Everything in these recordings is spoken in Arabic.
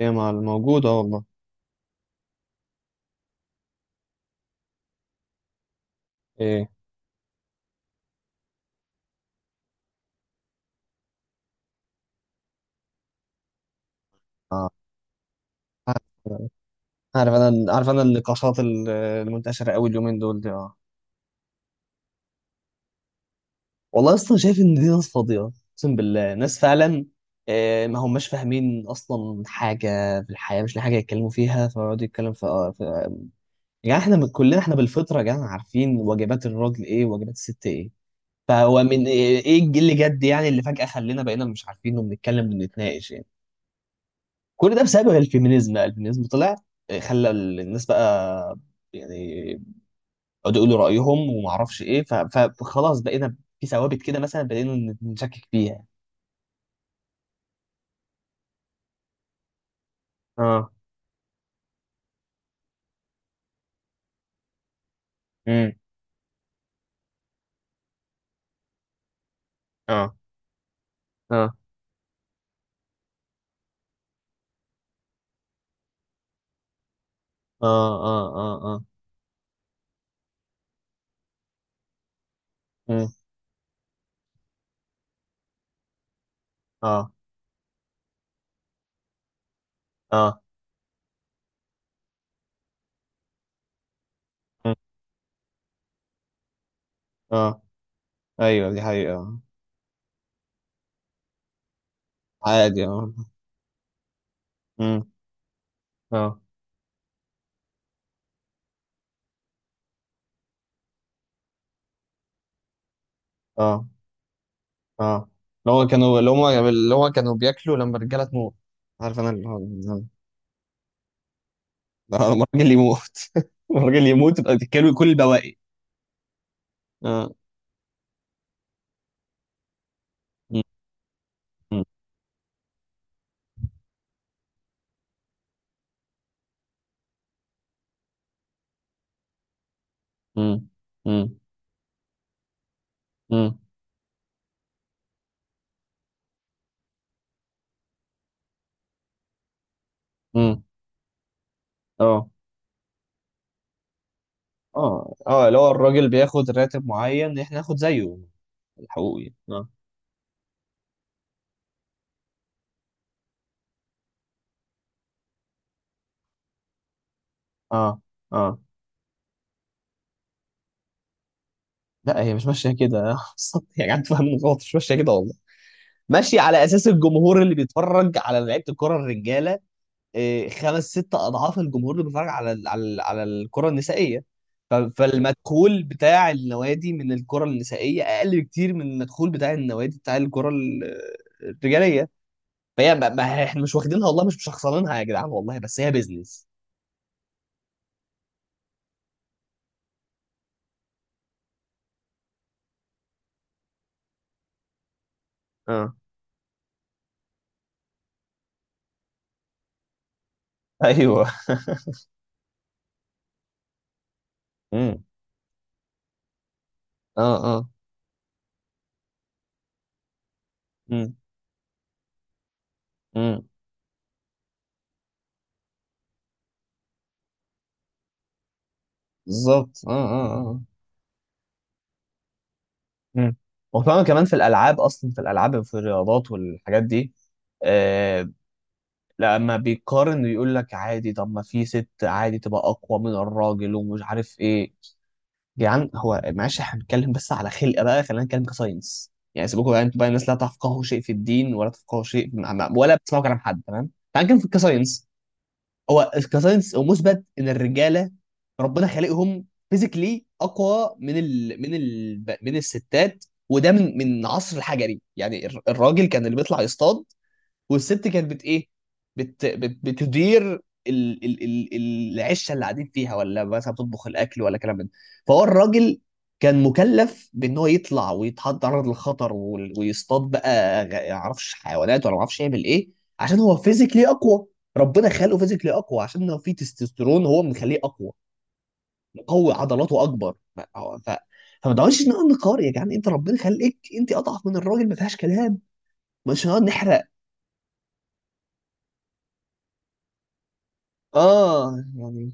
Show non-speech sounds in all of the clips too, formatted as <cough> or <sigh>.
ايه، مع الموجودة والله. ايه. اه. عارف انا النقاشات المنتشره قوي اليومين دول دي. اه. والله اصلا شايف ان دي ناس فاضيه، اقسم بالله، ناس فعلا. ما هماش فاهمين اصلا حاجه في الحياه، مش لاقي حاجه يتكلموا فيها فيقعدوا يتكلم في يعني احنا كلنا احنا بالفطره يا جدعان عارفين واجبات الراجل ايه وواجبات الست ايه. فهو من إيه الجيل اللي جد، يعني، اللي فجاه خلينا بقينا مش عارفين وبنتكلم وبنتناقش يعني. كل ده بسبب الفيمينيزم بقى، الفيمينيزم طلع خلى الناس بقى، يعني، يقعدوا يقولوا رأيهم وما اعرفش ايه، فخلاص بقينا في ثوابت كده مثلا بقينا نشكك فيها. اه. امم. اه. اه. اه. اه. اه. اه. امم. اه. اه. امم. اه. ايوه، دي حقيقة. عادي. اه. امم. اه. اه. اه. اللي هو كانوا بياكلوا لما الرجالة تموت. عارف انا اللي هو <laughs> لما الراجل يموت. <laughs> لما الراجل يموت يبقى تتكلوا كل البواقي. اه. مم. مم. مم. مم. مم. اه. اه. اه. اللي هو الراجل بياخد راتب معين، احنا ناخد زيه الحقوقي. اه. اه. اه. لا، هي مش ماشيه كده. <laughs> يا جدعان تفهموا غلط، مش ماشيه كده والله. ماشيه على اساس الجمهور اللي بيتفرج على لعيبه الكره الرجاله، إيه، خمس ست اضعاف الجمهور اللي بيتفرج على على الكره النسائيه. فالمدخول بتاع النوادي من الكره النسائيه اقل بكتير من المدخول بتاع النوادي بتاع الكره الرجاليه. فهي احنا مش واخدينها والله، مش مشخصنينها يا جدعان والله، بس هي بيزنس. اه. ايوه. امم. اه. اه. امم. امم. بالظبط. اه. اه. اه. امم. وطبعا كمان في الالعاب، اصلا في الالعاب، في الرياضات والحاجات دي. آه لما بيقارن يقول لك عادي، طب ما في ست عادي تبقى اقوى من الراجل ومش عارف ايه. جدعان، هو معلش، احنا بنتكلم بس على خلق بقى، خلينا نتكلم كساينس يعني. سيبكم بقى، انتوا بقى الناس لا تفقهوا شيء في الدين ولا تفقهوا شيء ولا بتسمعوا كلام حد. تمام، تعال نتكلم في الكساينس. هو كساينس، هو مثبت ان الرجاله ربنا خالقهم فيزيكلي اقوى من الستات، وده من عصر الحجري. يعني الراجل كان اللي بيطلع يصطاد، والست كانت بت ايه بت بت بتدير ال ال ال العشه اللي قاعدين فيها، ولا مثلا بتطبخ الاكل، ولا كلام من ده. فهو الراجل كان مكلف بان هو يطلع ويتعرض للخطر، ويصطاد بقى، يعرفش حيوانات ولا معرفش يعمل ايه، عشان هو فيزيكلي اقوى. ربنا خلقه فيزيكلي اقوى عشان هو فيه تستوستيرون، هو مخليه اقوى، مقوي عضلاته اكبر. ف... فما تقعدش نقعد نقار يا جدعان. انت ربنا خلقك انت اضعف من الراجل، ما فيهاش كلام. مش هنقعد نحرق. اه. يعني.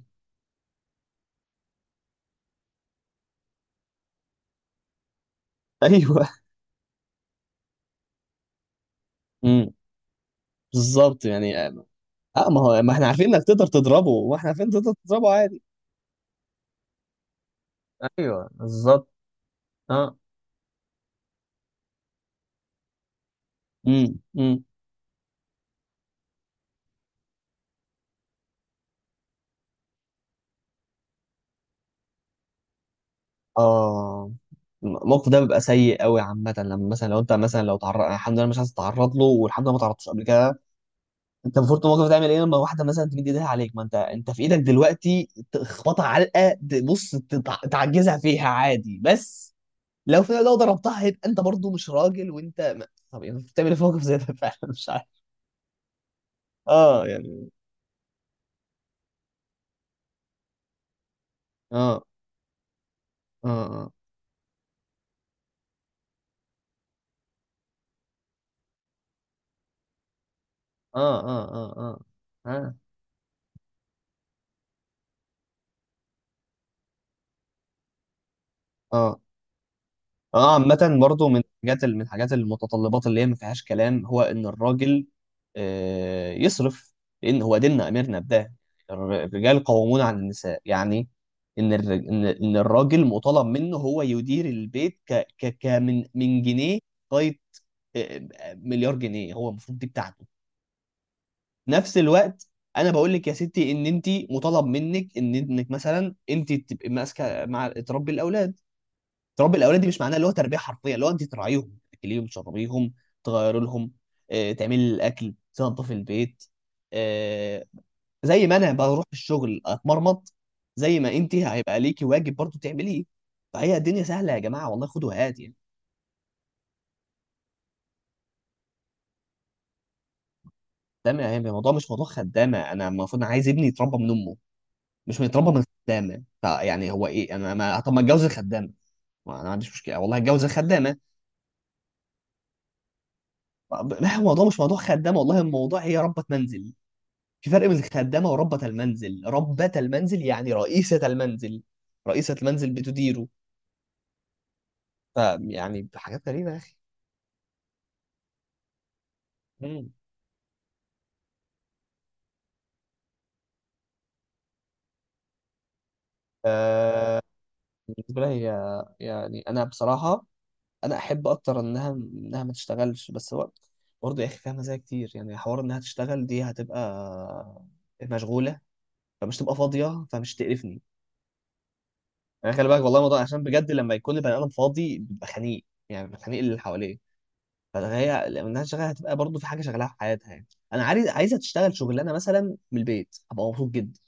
<laughs> ايوه. امم. بالظبط يعني. اه. ما هو، ما احنا عارفين انك تقدر تضربه، واحنا عارفين إنك تقدر تضربه عادي. ايوه بالظبط. اه. امم. امم. اه. الموقف ده بيبقى سيء قوي عامة. لما مثلا لو انت مثلا لو تعرض، الحمد لله مش عايز تتعرض له، والحمد لله ما تعرضتش قبل كده. انت المفروض في الموقف ده تعمل ايه لما واحدة مثلا تمد ايديها عليك؟ ما انت في ايدك دلوقتي تخبطها علقة، بص تعجزها فيها عادي. بس لو في، لو ضربتها هيبقى انت برضو مش راجل، وانت ما... طب يعني بتعمل ايه في موقف زي ده؟ <laughs> فعلا مش عارف. اه. يعني. اه. اه. اه. اه. اه. اه. اه. اه. اه. عامة برضو من الحاجات، من الحاجات المتطلبات اللي هي ما فيهاش كلام، هو ان الراجل يصرف، لان هو ديننا امرنا بده. الرجال قوامون على النساء يعني. ان إن الراجل مطالب منه هو يدير البيت ك ك ك من جنيه لغايه مليار جنيه. هو المفروض دي بتاعته. نفس الوقت، انا بقول لك يا ستي ان انت مطالب منك ان انك مثلا انت تبقي ماسكه، مع تربي الاولاد. تربي الاولاد دي مش معناها اللي هو تربيه حرفيه، اللي هو انت تراعيهم، تاكليهم، تشربيهم، تغيري لهم، تعملي الاكل، تنظفي البيت، آه، زي ما انا بروح الشغل اتمرمط، زي ما انت هيبقى ليكي واجب برضو تعمليه. فهي الدنيا سهله يا جماعه، والله خدوا هادي يعني. يعني الموضوع مش موضوع خدامه، انا المفروض، أنا عايز ابني يتربى من امه، مش متربى من خدامه. فيعني، هو ايه، انا ما، طب ما اتجوز الخدامه؟ ما انا ما عنديش مشكله والله، اتجوز الخدامه. طب ما هو الموضوع مش موضوع خدامه والله، الموضوع هي ربة منزل. في فرق بين الخدامه وربة المنزل، ربة المنزل يعني رئيسة المنزل، رئيسة المنزل بتديره. فيعني حاجات غريبه يا اخي. مم. آه بالنسبه لي، هي، يعني انا بصراحه، انا احب اكتر انها ما تشتغلش. بس هو برضه يا اخي فيها مزايا كتير، يعني حوار انها تشتغل دي هتبقى مشغوله، فمش تبقى فاضيه، فمش تقرفني. انا، خلي بالك والله، الموضوع عشان بجد لما يكون البني ادم فاضي بيبقى خنيق، يعني بيبقى خنيق اللي حواليه. فهي لما الناس شغاله هتبقى برضه في حاجه شغاله في حياتها، يعني انا عايزه تشتغل شغلانه مثلا من البيت، هبقى مبسوط جدا.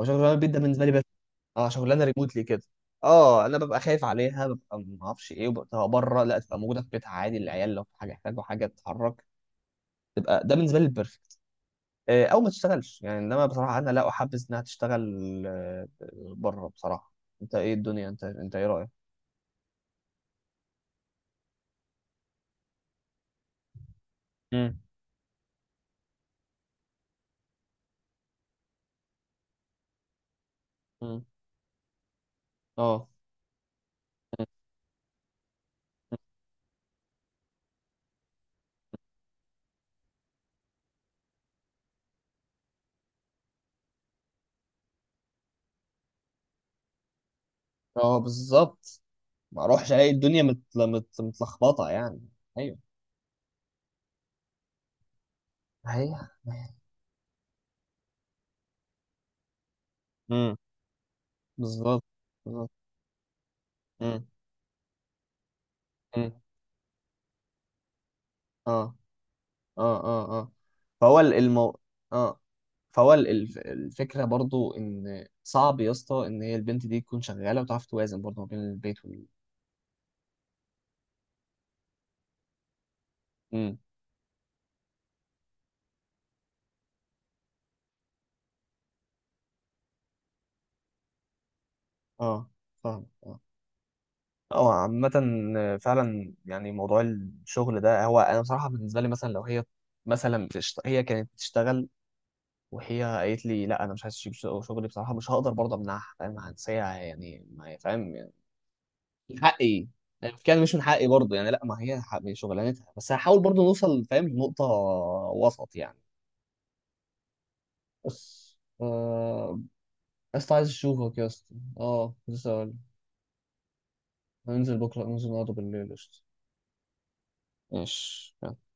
هو شغلانه من البيت ده بالنسبه لي. بس، اه، شغلانه ريموتلي كده. اه، انا ببقى خايف عليها، ببقى ما اعرفش ايه وببقى بره، لا تبقى موجوده في بيتها عادي، العيال لو في حاجه يحتاجوا حاجه تتحرك. تبقى ده بالنسبه لي البرفكت. او ما تشتغلش يعني. انما بصراحه انا لا احبذ انها تشتغل بره بصراحه. انت ايه الدنيا، انت ايه رايك؟ مم. مم. اه. اه. بالظبط. ما اروحش الاقي الدنيا متلخبطه يعني. ايوه. هي. امم. بالظبط. بالظبط. امم. امم. اه. اه. اه. اه. فهو ال- المو... اه فهو ال- الف- الفكره برضو ان صعب يا اسطى ان هي البنت دي تكون شغاله وتعرف توازن برضو ما بين البيت وال امم اه. فاهم. هو عامة. فعلا يعني، موضوع الشغل ده، هو أنا بصراحة بالنسبة لي، مثلا لو هي مثلا هي كانت بتشتغل، وهي قالت لي لا، أنا مش عايز أسيب شغلي، بصراحة مش هقدر برضه أمنعها، فاهم، هنسيها يعني؟ ما هي، فاهم يعني، من حقي، يعني، كان مش من حقي برضه، يعني لا، ما هي من شغلانتها، بس هحاول برضه نوصل فاهم لنقطة وسط يعني. بس آه... بس عايز أشوفك يا اسطى. أه، لسه هقول. هننزل بكرة، ننزل نقعد بالليل، قشطة. ماشي.